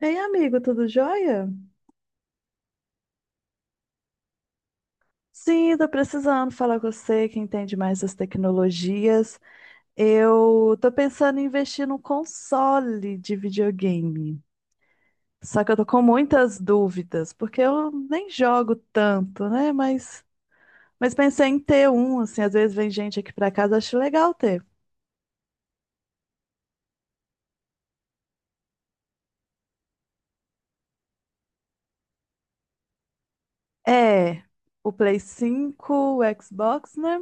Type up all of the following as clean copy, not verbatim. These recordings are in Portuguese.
Ei, amigo, tudo jóia? Sim, tô precisando falar com você que entende mais das tecnologias. Eu tô pensando em investir num console de videogame. Só que eu tô com muitas dúvidas, porque eu nem jogo tanto, né? Mas, pensei em ter um, assim, às vezes vem gente aqui pra casa, acho legal ter. É, o Play 5 o Xbox, né?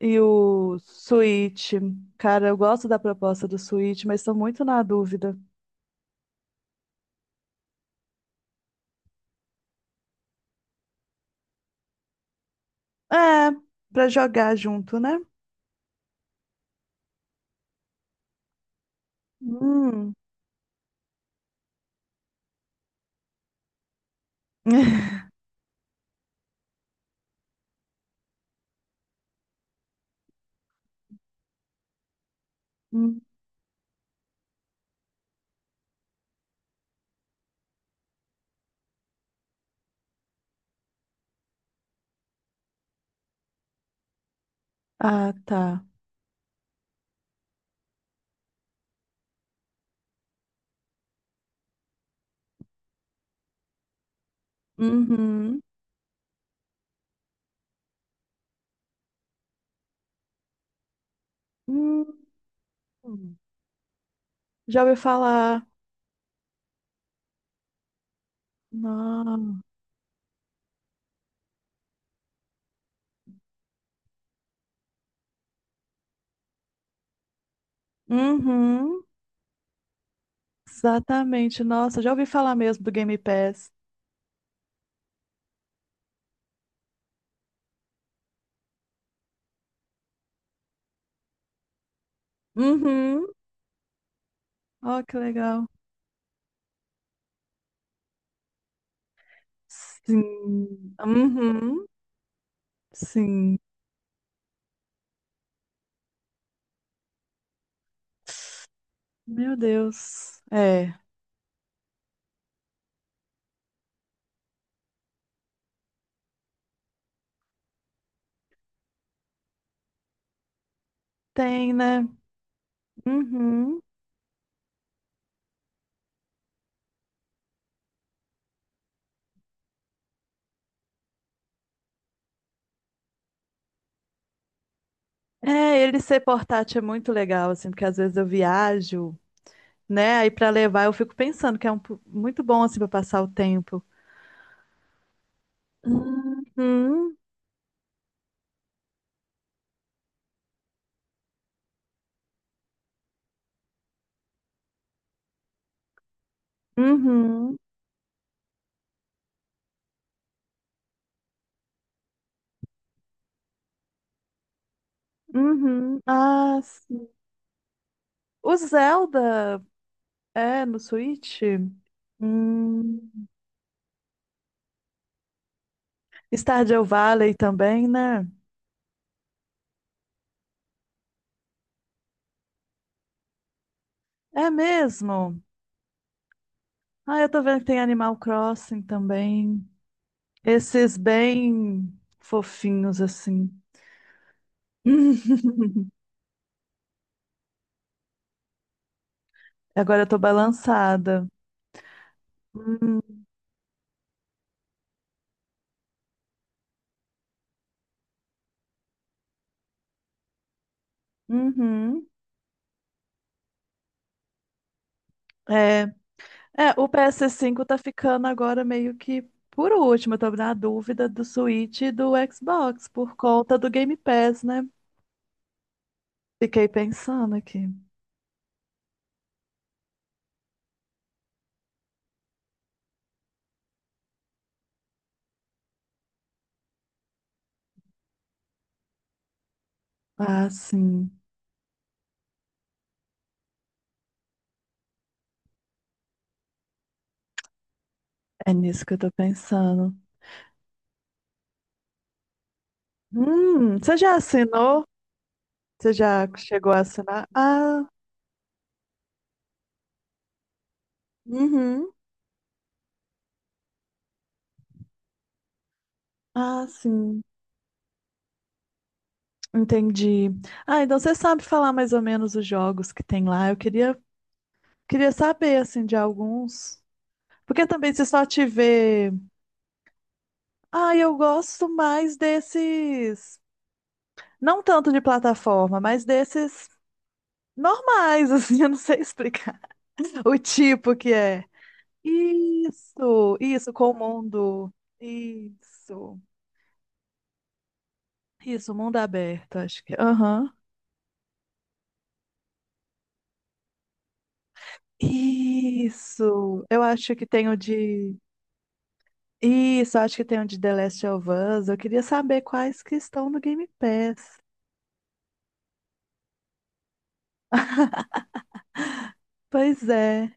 E o Switch. Cara, eu gosto da proposta do Switch, mas estou muito na dúvida. É, pra jogar junto, né? Hum. Hum. Ah, tá. Uhum. Hum. Já ouvi falar. Não. Uhum. Exatamente. Nossa, já ouvi falar mesmo do Game Pass. Uhum. Ó, que legal. Sim. Uhum. Sim. Meu Deus. É. Tem, né? Uhum. É, ele ser portátil é muito legal, assim, porque às vezes eu viajo né? Aí para levar, eu fico pensando que é um, muito bom assim para passar o tempo. Uhum, uhum, uhum. Ah, sim. O Zelda é no Switch? Hum. Stardew Valley também, né? É mesmo? Ah, eu tô vendo que tem Animal Crossing também. Esses bem fofinhos assim. Agora eu tô balançada. Uhum. Uhum. É. É, o PS5 tá ficando agora meio que por último. Eu tô na dúvida do Switch e do Xbox por conta do Game Pass, né? Fiquei pensando aqui. Ah, sim. É nisso que eu tô pensando. Você já assinou? Você já chegou a assinar? Ah, uhum. Ah, sim. Entendi. Ah, então você sabe falar mais ou menos os jogos que tem lá. Eu queria saber, assim, de alguns. Porque também se só tiver Ah, eu gosto mais desses. Não tanto de plataforma, mas desses normais, assim, eu não sei explicar o tipo que é. Isso, com o mundo. Isso, isso, mundo aberto, acho que. Aham. Isso, eu acho que tem o de. Isso, acho que tem o de The Last of Us. Eu queria saber quais que estão no Game Pass. Pois é.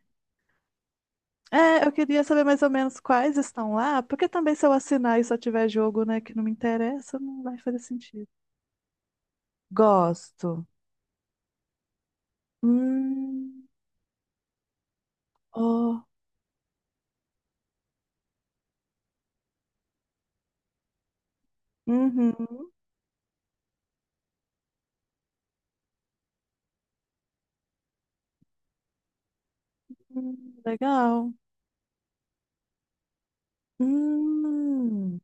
É, eu queria saber mais ou menos quais estão lá, porque também se eu assinar e só tiver jogo, né, que não me interessa, não vai fazer sentido. Gosto. Hum, oh, uhum, legal. Hum,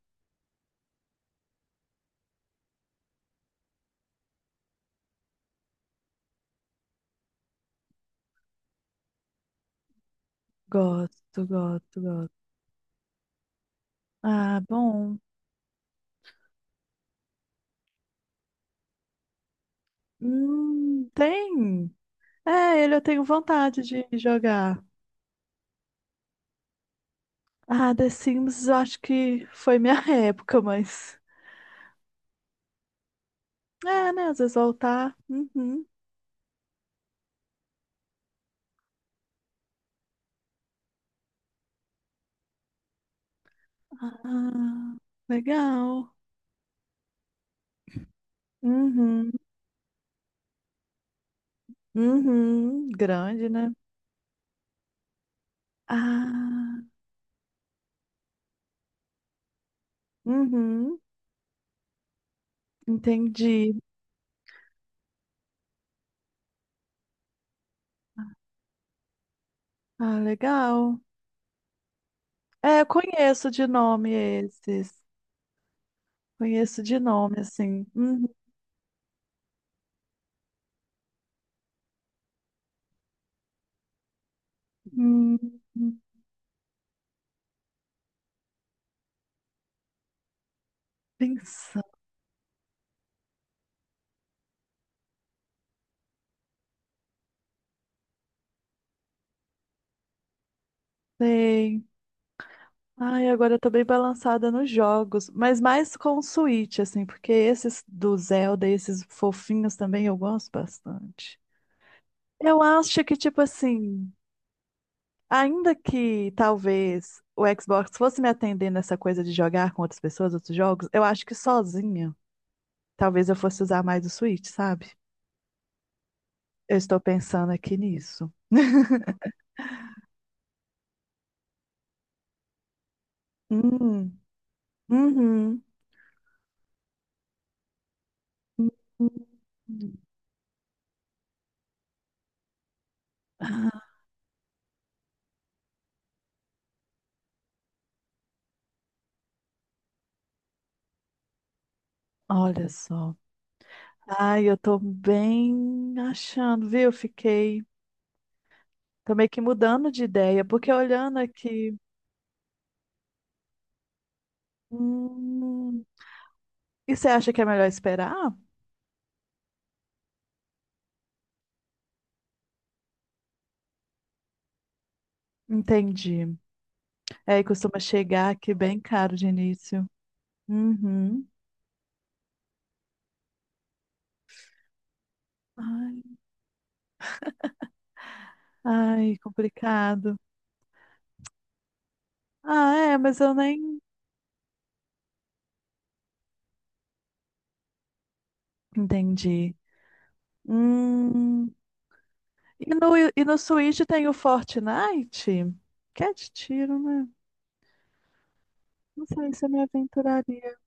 gosto, gosto, gosto. Ah, bom. Tem. É, ele eu tenho vontade de jogar. Ah, The Sims, eu acho que foi minha época, mas. É, né? Às vezes voltar. Uhum. Ah, legal. Uhum, uhum, grande, né? Ah, uhum, entendi. Ah, legal. É, eu conheço de nome esses. Conheço de nome, assim. Uhum. Hum, pensei. Ai, agora eu tô bem balançada nos jogos, mas mais com o Switch, assim, porque esses do Zelda, esses fofinhos também eu gosto bastante. Eu acho que, tipo assim, ainda que talvez o Xbox fosse me atender nessa coisa de jogar com outras pessoas, outros jogos, eu acho que sozinha, talvez eu fosse usar mais o Switch, sabe? Eu estou pensando aqui nisso. Hum, uhum. Ah, olha só. Ai, eu tô bem achando, viu? Fiquei. Tô meio que mudando de ideia, porque olhando aqui. Hum, e você acha que é melhor esperar? Entendi. É, e costuma chegar aqui bem caro de início. Uhum. Ai, ai, complicado. Ah, é, mas eu nem entendi. Hum. E no Switch tem o Fortnite? Que é de tiro, né? Não sei se eu me aventuraria.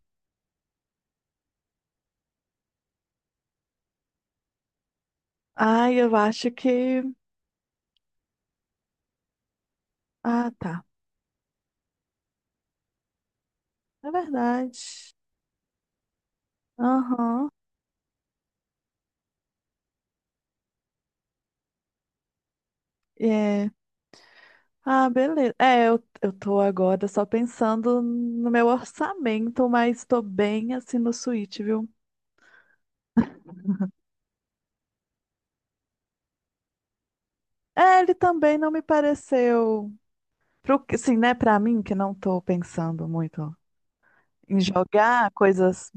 Ai, eu acho que. Ah, tá. É verdade. Aham. É. Ah, beleza. É, eu tô agora só pensando no meu orçamento, mas tô bem assim no Switch, viu? É, ele também não me pareceu. Pro, assim, né, pra mim, que não tô pensando muito em jogar coisas.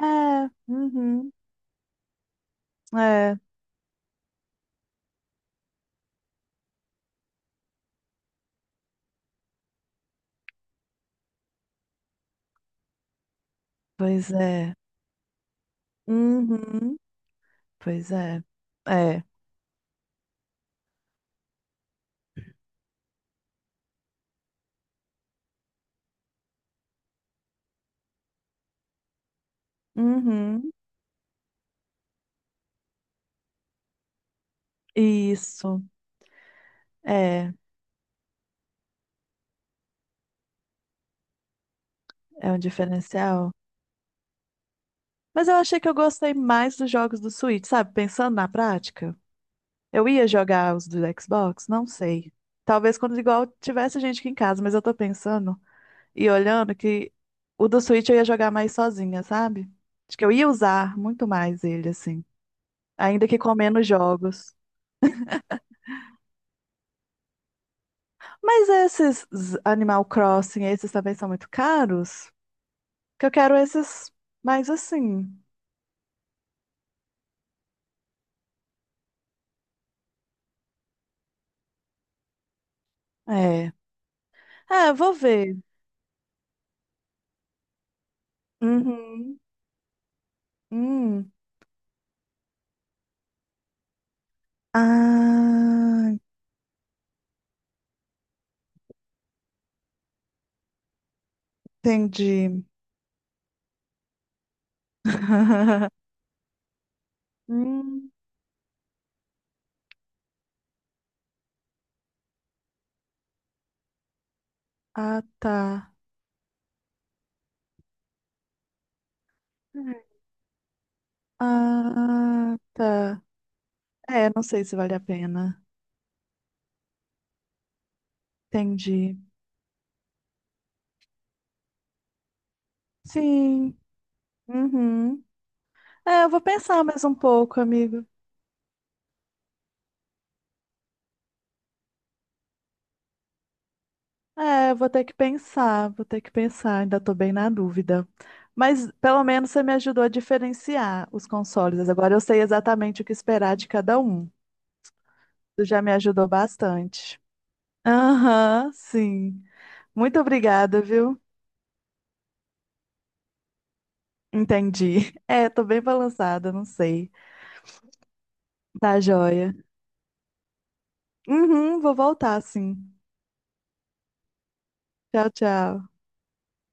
É, uhum, é, pois é, uhum, pois é, é, uhum, isso, é, é um diferencial. Mas eu achei que eu gostei mais dos jogos do Switch, sabe? Pensando na prática, eu ia jogar os do Xbox, não sei. Talvez quando igual tivesse gente aqui em casa, mas eu tô pensando. E olhando que o do Switch eu ia jogar mais sozinha, sabe? Acho que eu ia usar muito mais ele, assim. Ainda que com menos jogos. Mas esses Z- Animal Crossing, esses também são muito caros? Que eu quero esses mais assim. É. É, vou ver. Uhum. Hum. Ah, entendi. Hum. Ah, tá. Ah, tá. É, não sei se vale a pena. Entendi. Sim. Uhum. É, eu vou pensar mais um pouco, amigo. É, eu vou ter que pensar, vou ter que pensar, ainda tô bem na dúvida. Mas pelo menos você me ajudou a diferenciar os consoles. Agora eu sei exatamente o que esperar de cada um. Isso já me ajudou bastante. Aham, sim. Muito obrigada, viu? Entendi. É, tô bem balançada, não sei. Tá joia. Uhum, vou voltar, sim. Tchau, tchau.